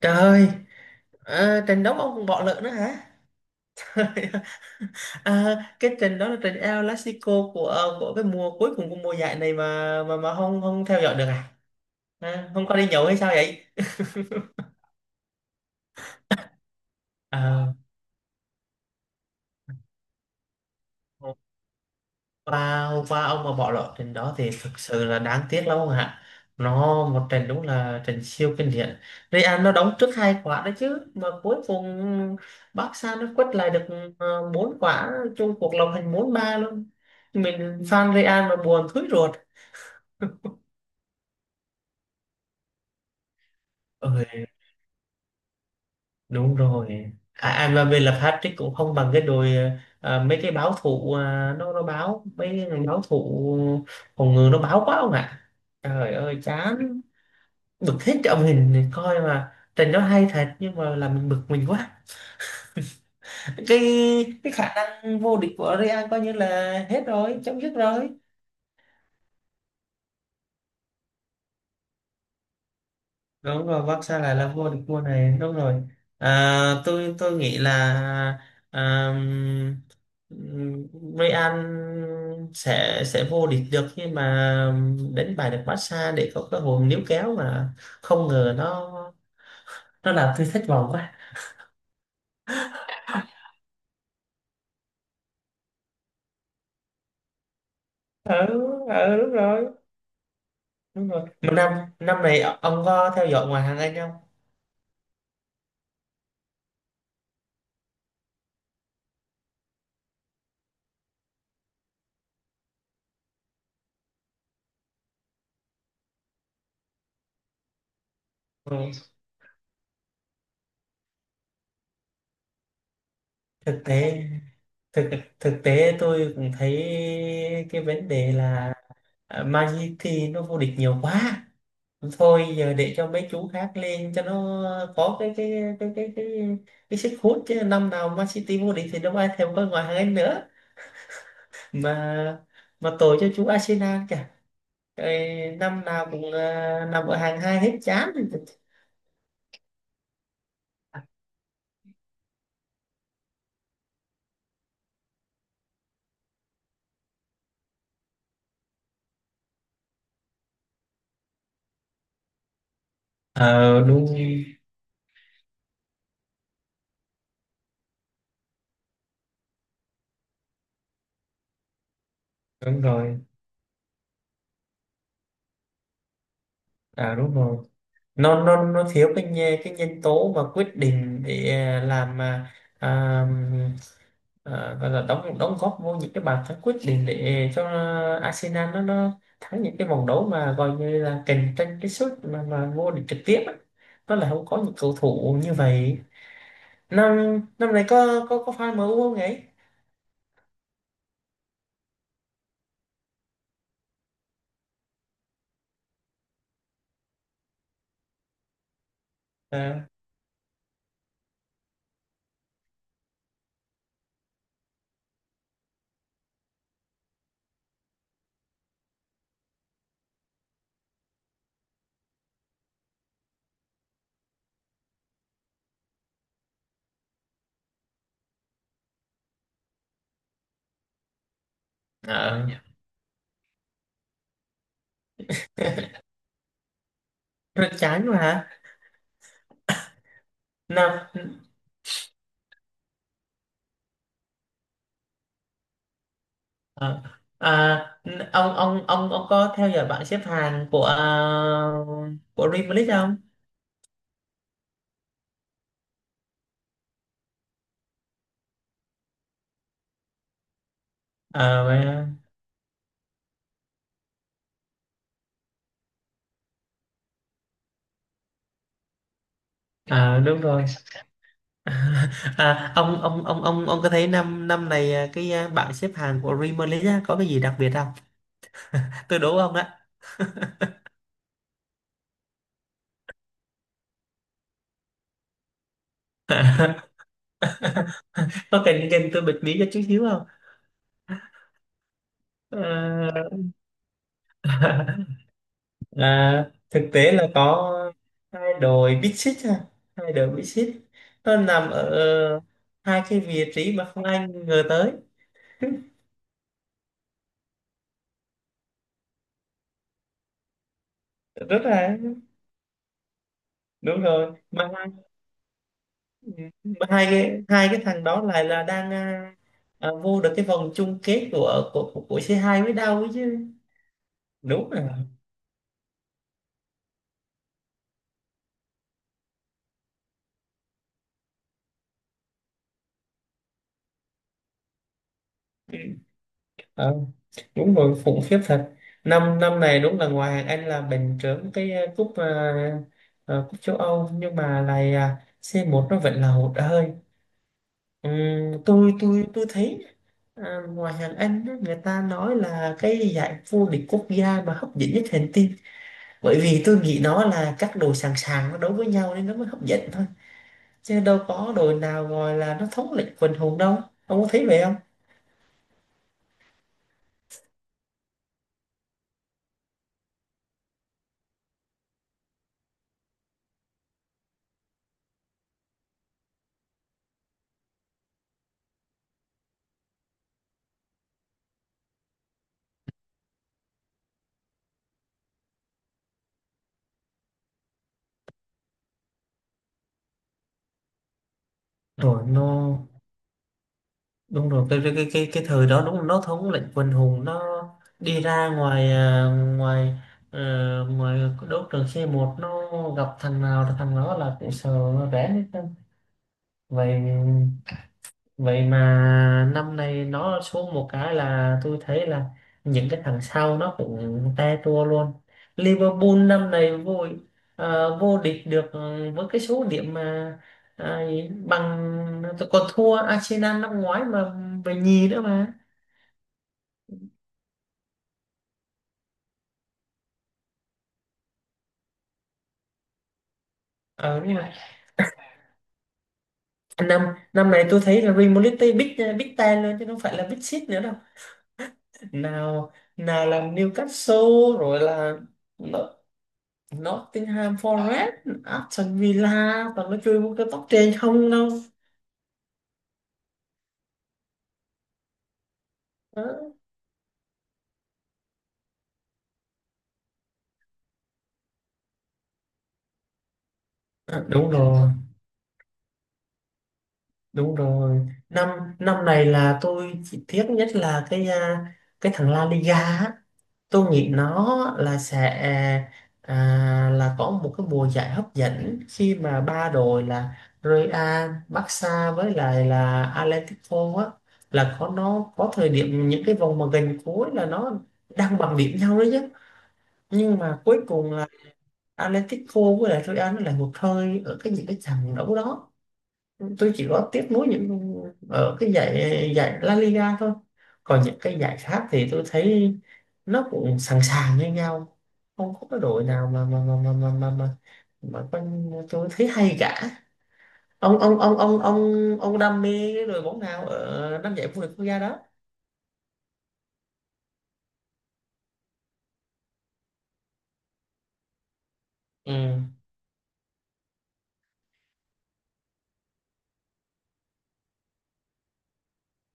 Trời ơi, trận đấu ông còn bỏ lỡ nữa hả? Cái trận đó là trận El Clasico của của cái mùa cuối cùng của mùa giải này mà mà không không theo dõi được à? À không có đi nhậu hay sao vậy? À, và ông mà bỏ lỡ trận đó thì thực sự là đáng tiếc lắm ông ạ. Nó một trận đúng là trận siêu kinh điển. Real nó đóng trước hai quả đấy chứ mà cuối cùng Barca nó quất lại được bốn quả, chung cuộc lòng thành bốn ba luôn. Mình fan Real mà buồn thúi ruột. Ơi, đúng rồi. Mà về là Patrick cũng không bằng cái đội, mấy cái báo thủ à, nó báo mấy cái thằng báo thủ phòng ngự nó báo quá không ạ. Trời ơi chán, bực hết cái ông hình coi mà trận đó hay thật nhưng mà làm mình bực mình quá. cái cái khả năng vô địch của Real coi như là hết rồi, chấm dứt rồi. Đúng rồi, Barca lại là vô địch mùa này, đúng rồi. À, tôi nghĩ là, à, Real sẽ vô địch được nhưng mà đánh bại được Barca để có cơ hội níu kéo mà không ngờ nó làm tôi thất vọng quá. Ừ, ừ đúng rồi. Đúng rồi, mà năm năm này ông có theo dõi ngoại hạng Anh không? Ừ. thực tế thực Thực tế tôi cũng thấy cái vấn đề là, à, Man City nó vô địch nhiều quá, thôi giờ để cho mấy chú khác lên cho nó có cái cái cái, cái sức hút. Chứ năm nào Man City vô địch thì đâu ai thèm coi ngoại hạng Anh nữa. mà mà tội cho chú Arsenal kìa. Trời, năm nào cũng nằm ở hàng hai hết chán. Ờ đúng, đúng rồi. À đúng rồi, nó thiếu cái cái nhân tố mà quyết định để làm mà, à, gọi là đóng đóng góp vô những cái bàn thắng quyết định để cho Arsenal nó thắng những cái vòng đấu mà gọi như là cạnh tranh cái suất mà vô địch trực tiếp á. Nó là không có những cầu thủ như vậy. Năm năm nay có có fan MU không ấy? à, à, Rất chán mà hả? Năm, Ờ, à, ông ông có theo dõi bảng xếp hạng của của Dreamlist không? Ờ, mà- Đúng rồi. À, ông ông có thấy năm năm này bảng xếp hạng của Dreamlist á, có cái gì đặc biệt không? Tôi đố ông đó. Có cần cần tôi bật mí cho chút xíu không? Ờ, thực tế là có hai đội Big Six ha, hai đội Big Six, nó nằm ở hai cái vị trí mà không ai ngờ tới rất là. Đúng rồi, mà hai cái thằng đó lại là đang vô được cái vòng chung kết của c hai mới đâu ấy chứ. Đúng rồi. Ừ. Ờ, đúng rồi, khủng khiếp thật. Năm năm này đúng là ngoài hàng Anh là bình trưởng cái cúp châu Âu nhưng mà lại, c một nó vẫn là hụt hơi. Ừm, tôi thấy ngoài hàng Anh á, người ta nói là cái giải vô địch quốc gia mà hấp dẫn nhất hành tinh, bởi vì tôi nghĩ nó là các đồ sàng sàng nó đấu với nhau nên nó mới hấp dẫn thôi, chứ đâu có đồ nào gọi là nó thống lĩnh quần hùng đâu. Ông có thấy vậy không? Rồi nó Đúng rồi, cái thời đó đúng là nó thống lĩnh quần hùng. Nó đi ra ngoài à, ngoài ờ, ngoài đấu trường c một, nó gặp thằng nào là thằng đó là cũng sợ nó rén hết trơn. Vậy Vậy mà năm nay nó xuống một cái là tôi thấy là những cái thằng sau nó cũng te tua luôn. Liverpool năm nay vô, vô địch được ừ, với cái số điểm mà à, bằng, còn thua Arsenal năm ngoái mà về nhì nữa mà. Ờ nhưng mà năm năm này tôi thấy là Real Madrid big big ten luôn chứ không phải là big six nữa đâu. Nào, nào là Newcastle rồi, là Nottingham Forest, Aston Villa, toàn nó chơi với cái top trên không đâu. Đó. À, đúng rồi, đúng rồi. Năm năm này là tôi chỉ tiếc nhất là cái cái thằng La Liga á. Tôi nghĩ nó là sẽ là có một cái mùa giải hấp dẫn khi mà ba đội là Real, Barca với lại là Atletico á, là có nó có thời điểm những cái vòng mà gần cuối là nó đang bằng điểm nhau đấy chứ, nhưng mà cuối cùng Atletico với lại Real nó là hụt hơi ở cái những cái trận đấu đó. Tôi chỉ có tiếp nối những ở cái giải giải La Liga thôi, còn những cái giải khác thì tôi thấy nó cũng sẵn sàng như nhau, không có cái đội nào mà con- tôi thấy hay cả. Ông ông ông ông ông ông đam mê cái đội bóng nào ở năm giải vô địch quốc gia đó? Ừ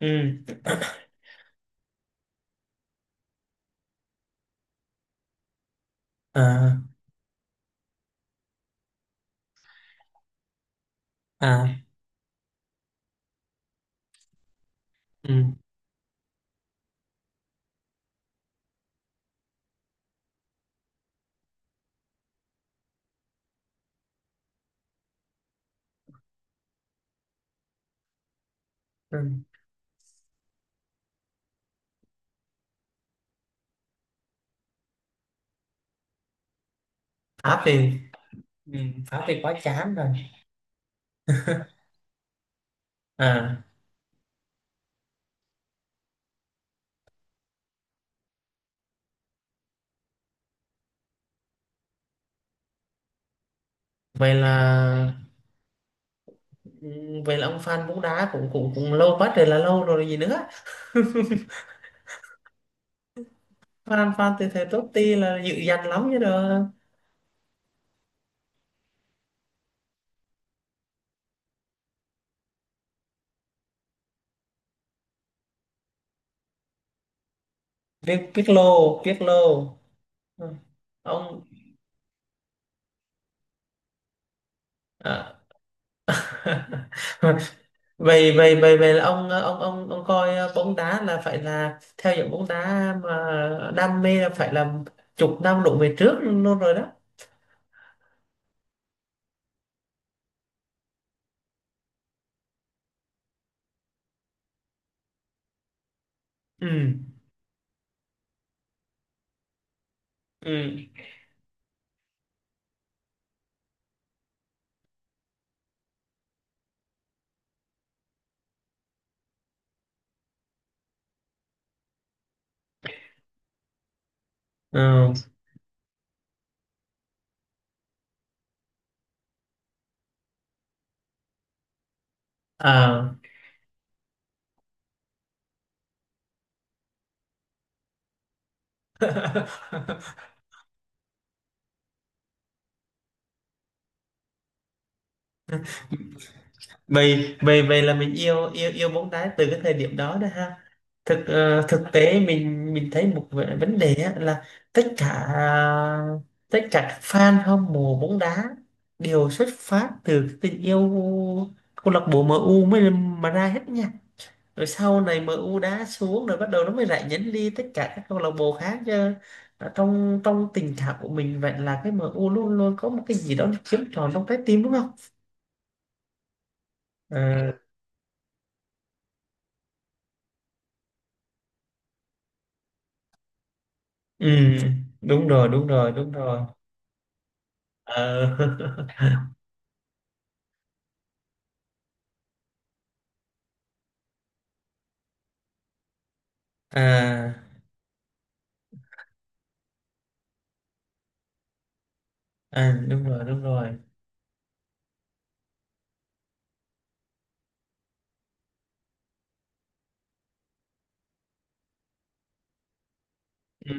ừ, à à, ừ ừ, Pháp thì, ừ, Pháp thì quá chán rồi. À vậy là, vậy là ông fan bóng đá cũng cũng cũng lâu quá trời là lâu rồi gì nữa. Fan Fan từ thời Totti là dữ dằn lắm chứ đâu. Biết Pirlo, Pirlo. Ừ. Ông à. vậy vậy vậy vậy là ông ông coi bóng đá là phải là theo dõi bóng đá mà đam mê là phải là chục năm đổ về trước luôn rồi đó. Ừ ừ, ừ, à. vậy vậy Vậy là mình yêu yêu yêu bóng đá từ cái thời điểm đó đó ha. Thực thực tế mình thấy một vấn đề á, là tất cả tất cả các fan hâm mộ bóng đá đều xuất phát từ cái tình yêu câu lạc bộ MU mới mà ra hết nha. Rồi sau này MU đá xuống rồi bắt đầu nó mới rải nhánh đi tất cả các câu lạc bộ khác chứ. Ở trong trong tình cảm của mình vậy là cái MU luôn luôn có một cái gì đó nó chiếm trọn trong trái tim, đúng không? Ờ, ừ đúng rồi đúng rồi. Ờ. À à, đúng rồi, đúng rồi. Ừ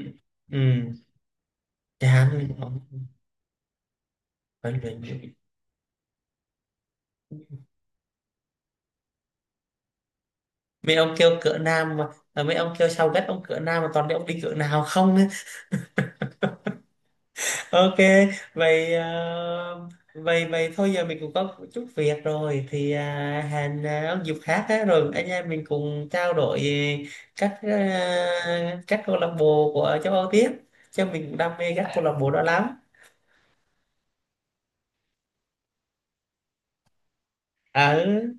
ừ, chán ông phải luyện nhiều. Mấy ông kêu cỡ nam mà, mấy ông kêu sao ghét ông cỡ nam mà toàn để ông đi cỡ nào không á. Ok, vậy ờ, vậy vậy thôi giờ mình cũng có chút việc rồi thì hẹn ông dịp khác á, rồi anh em mình cùng trao đổi về các các câu lạc bộ của châu Âu tiếp, cho mình cũng đam mê các câu lạc bộ đó lắm. À ừ,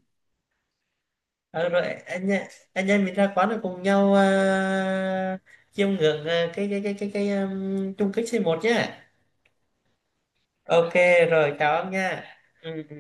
Ờ, rồi anh em mình ra quán rồi cùng nhau chiêm ngưỡng cái chung kết c một nhá. Ok, rồi. Chào anh nha. Ừ. Ừ.